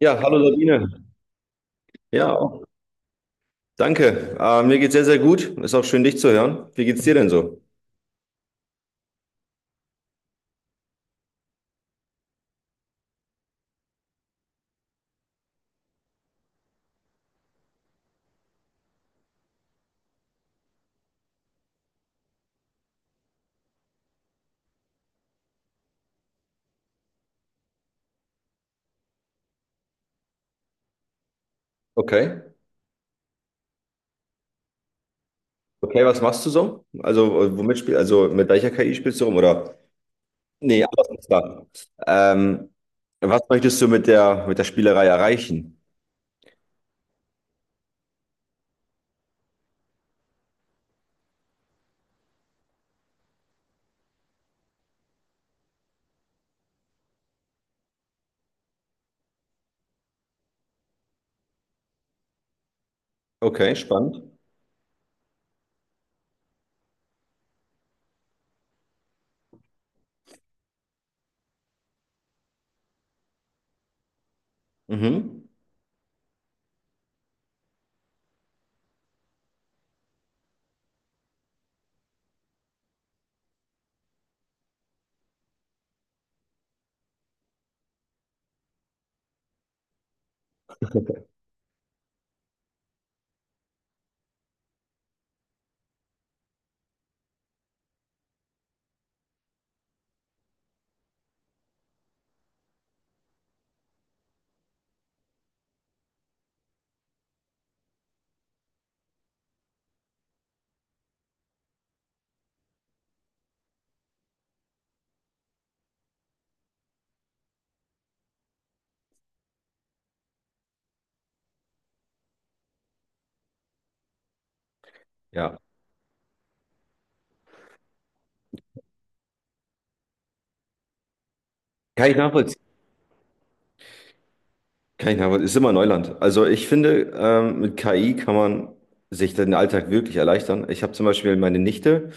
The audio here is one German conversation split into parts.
Ja, hallo Sabine. Ja, auch, danke. Mir geht's sehr, sehr gut. Ist auch schön, dich zu hören. Wie geht's dir denn so? Okay. Okay, was machst du so? Also, also mit welcher KI spielst du rum? Oder? Nee, anders ist da. Ähm, Was möchtest du mit der Spielerei erreichen? Okay, spannend. Mhm. Ja. Kann ich nachvollziehen. Kann ich nachvollziehen. Ist immer Neuland. Also ich finde, mit KI kann man sich den Alltag wirklich erleichtern. Ich habe zum Beispiel meine Nichte.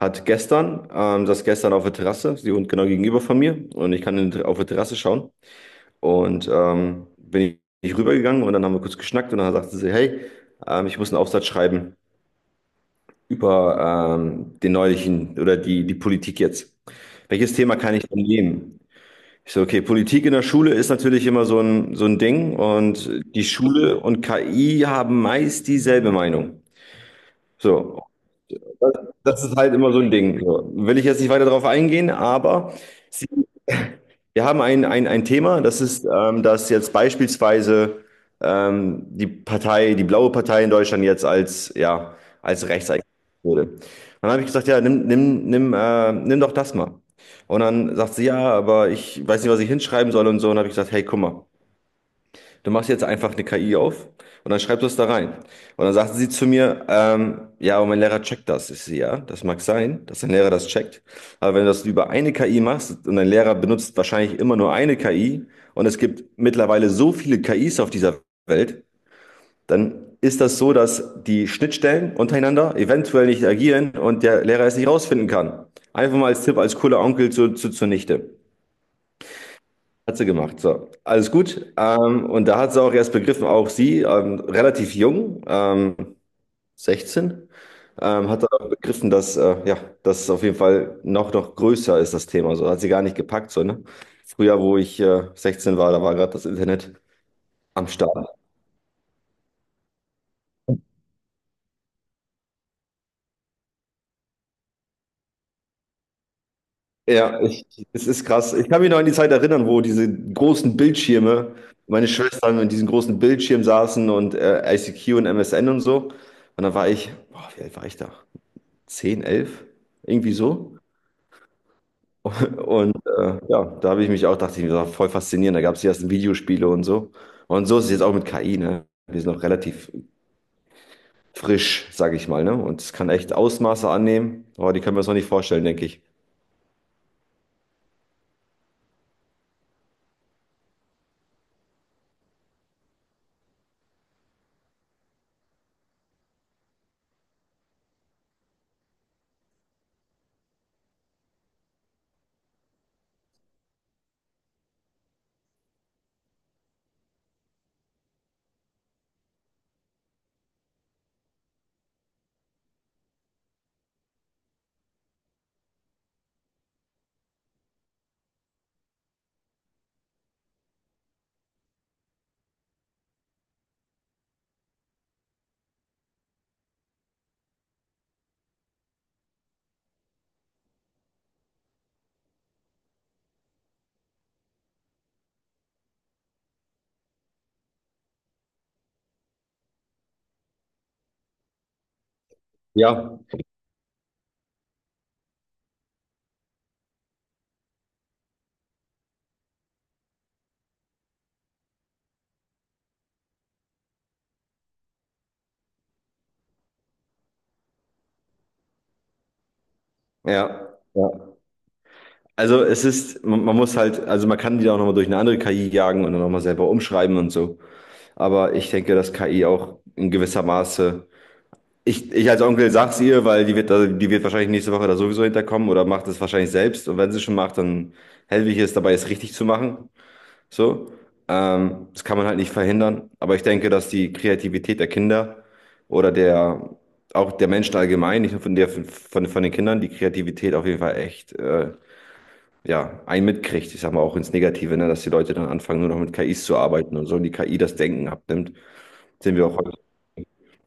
Saß gestern auf der Terrasse, sie und genau gegenüber von mir. Und ich kann auf der Terrasse schauen. Und ich rübergegangen und dann haben wir kurz geschnackt und dann sagte sie, hey, ich muss einen Aufsatz schreiben über den neulichen oder die, die Politik jetzt. Welches Thema kann ich denn nehmen? Ich so, okay, Politik in der Schule ist natürlich immer so ein Ding, und die Schule und KI haben meist dieselbe Meinung. So, das ist halt immer so ein Ding. So, will ich jetzt nicht weiter darauf eingehen, aber Sie, wir haben ein Thema, das ist, dass jetzt beispielsweise die Partei, die blaue Partei in Deutschland jetzt ja, als rechts eingestuft wurde. Dann habe ich gesagt, ja, nimm doch das mal. Und dann sagt sie, ja, aber ich weiß nicht, was ich hinschreiben soll und so. Und dann habe ich gesagt, hey, guck mal. Du machst jetzt einfach eine KI auf und dann schreibst du es da rein. Und dann sagte sie zu mir, ja, aber mein Lehrer checkt das. Ich sehe, ja, das mag sein, dass dein Lehrer das checkt. Aber wenn du das über eine KI machst und dein Lehrer benutzt wahrscheinlich immer nur eine KI und es gibt mittlerweile so viele KIs auf dieser Welt, dann ist das so, dass die Schnittstellen untereinander eventuell nicht agieren und der Lehrer es nicht rausfinden kann. Einfach mal als Tipp, als cooler Onkel zunichte. Hat sie gemacht, so. Alles gut. Und da hat sie auch erst begriffen, auch sie, relativ jung, 16, hat dann begriffen, dass, ja, das auf jeden Fall noch, noch größer ist, das Thema. So hat sie gar nicht gepackt, so, ne? Früher, wo ich 16 war, da war gerade das Internet am Start. Ja, ich, es ist krass. Ich kann mich noch an die Zeit erinnern, wo diese großen Bildschirme, meine Schwestern in diesen großen Bildschirmen saßen und ICQ und MSN und so. Und da war ich, boah, wie alt war ich da? 10, 11 irgendwie so. Und ja, da habe ich mich auch, dachte ich mir, das war voll faszinierend. Da gab es die ersten Videospiele und so. Und so ist es jetzt auch mit KI, ne? Wir sind noch relativ frisch, sage ich mal, ne? Und es kann echt Ausmaße annehmen, aber die können wir uns noch nicht vorstellen, denke ich. Ja, ja, ja. Also es ist, man muss halt, also man kann die auch nochmal durch eine andere KI jagen und dann nochmal selber umschreiben und so. Aber ich denke, dass KI auch in gewisser Maße Ich, ich als Onkel sag's ihr, weil die wird, die wird wahrscheinlich nächste Woche da sowieso hinterkommen oder macht es wahrscheinlich selbst. Und wenn sie schon macht, dann helfe ich es dabei, es richtig zu machen. So. Das kann man halt nicht verhindern. Aber ich denke, dass die Kreativität der Kinder oder der, auch der Menschen allgemein, nicht nur von der, von den Kindern, die Kreativität auf jeden Fall echt, ja, einen mitkriegt. Ich sag mal auch ins Negative, ne, dass die Leute dann anfangen, nur noch mit KIs zu arbeiten und so und die KI das Denken abnimmt. Sehen wir auch heute.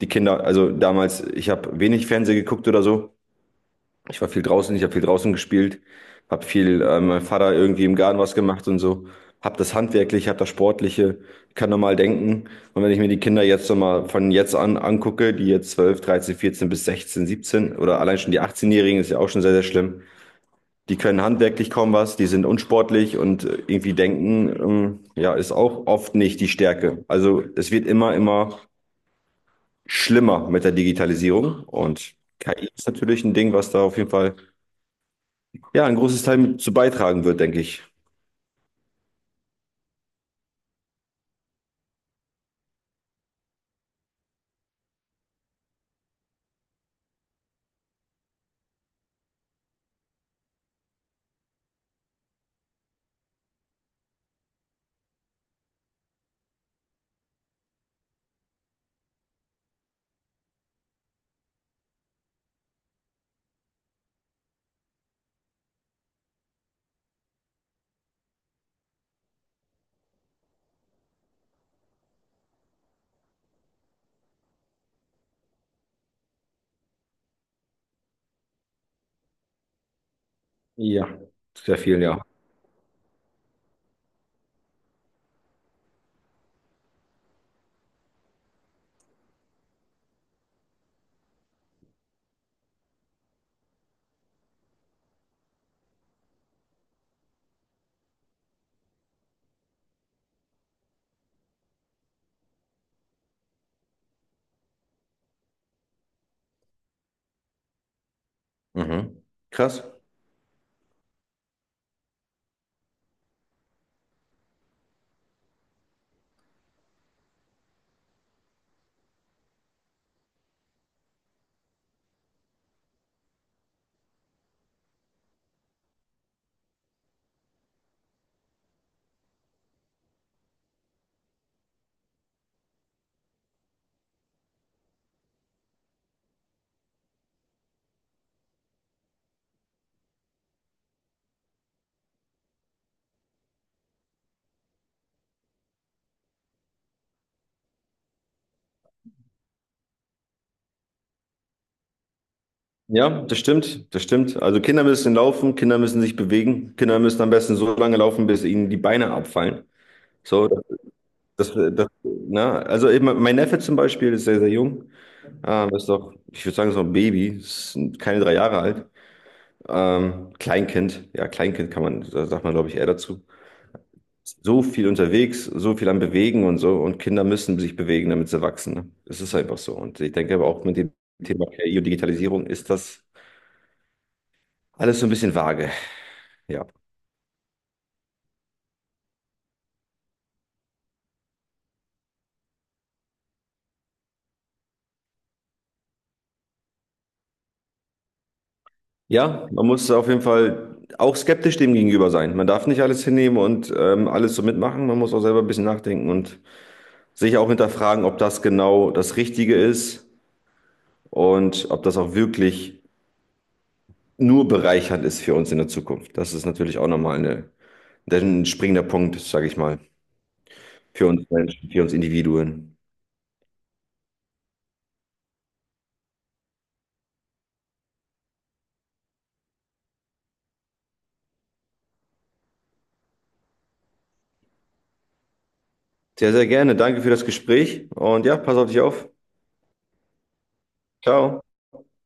Die Kinder, also damals, ich habe wenig Fernsehen geguckt oder so. Ich war viel draußen, ich habe viel draußen gespielt, habe viel, mein Vater irgendwie im Garten was gemacht und so. Hab das Handwerkliche, hab das Sportliche, kann normal denken. Und wenn ich mir die Kinder jetzt noch mal von jetzt an angucke, die jetzt 12, 13, 14 bis 16, 17 oder allein schon die 18 jährigen, ist ja auch schon sehr, sehr schlimm. Die können handwerklich kaum was, die sind unsportlich und irgendwie denken, ja, ist auch oft nicht die Stärke. Also es wird immer, immer schlimmer mit der Digitalisierung, und KI ist natürlich ein Ding, was da auf jeden Fall ja, ein großes Teil mit zu beitragen wird, denke ich. Ja, sehr viel, ja. Mhm. Krass. Ja, das stimmt, das stimmt. Also Kinder müssen laufen, Kinder müssen sich bewegen, Kinder müssen am besten so lange laufen, bis ihnen die Beine abfallen. So, das, das, na, also eben mein Neffe zum Beispiel ist sehr, sehr jung. Ist doch, ich würde sagen, so ein Baby, ist keine 3 Jahre alt. Kleinkind, ja, Kleinkind kann man, da sagt man, glaube ich, eher dazu. So viel unterwegs, so viel am Bewegen und so. Und Kinder müssen sich bewegen, damit sie wachsen, ne? Es ist einfach so. Und ich denke aber auch, mit dem Thema KI und Digitalisierung ist das alles so ein bisschen vage. Ja. Ja, man muss auf jeden Fall auch skeptisch dem gegenüber sein. Man darf nicht alles hinnehmen und alles so mitmachen. Man muss auch selber ein bisschen nachdenken und sich auch hinterfragen, ob das genau das Richtige ist und ob das auch wirklich nur bereichernd ist für uns in der Zukunft. Das ist natürlich auch nochmal eine, ein springender Punkt, sage ich mal. Für uns Menschen, für uns Individuen. Sehr, sehr gerne. Danke für das Gespräch und ja, pass auf dich auf. Ciao.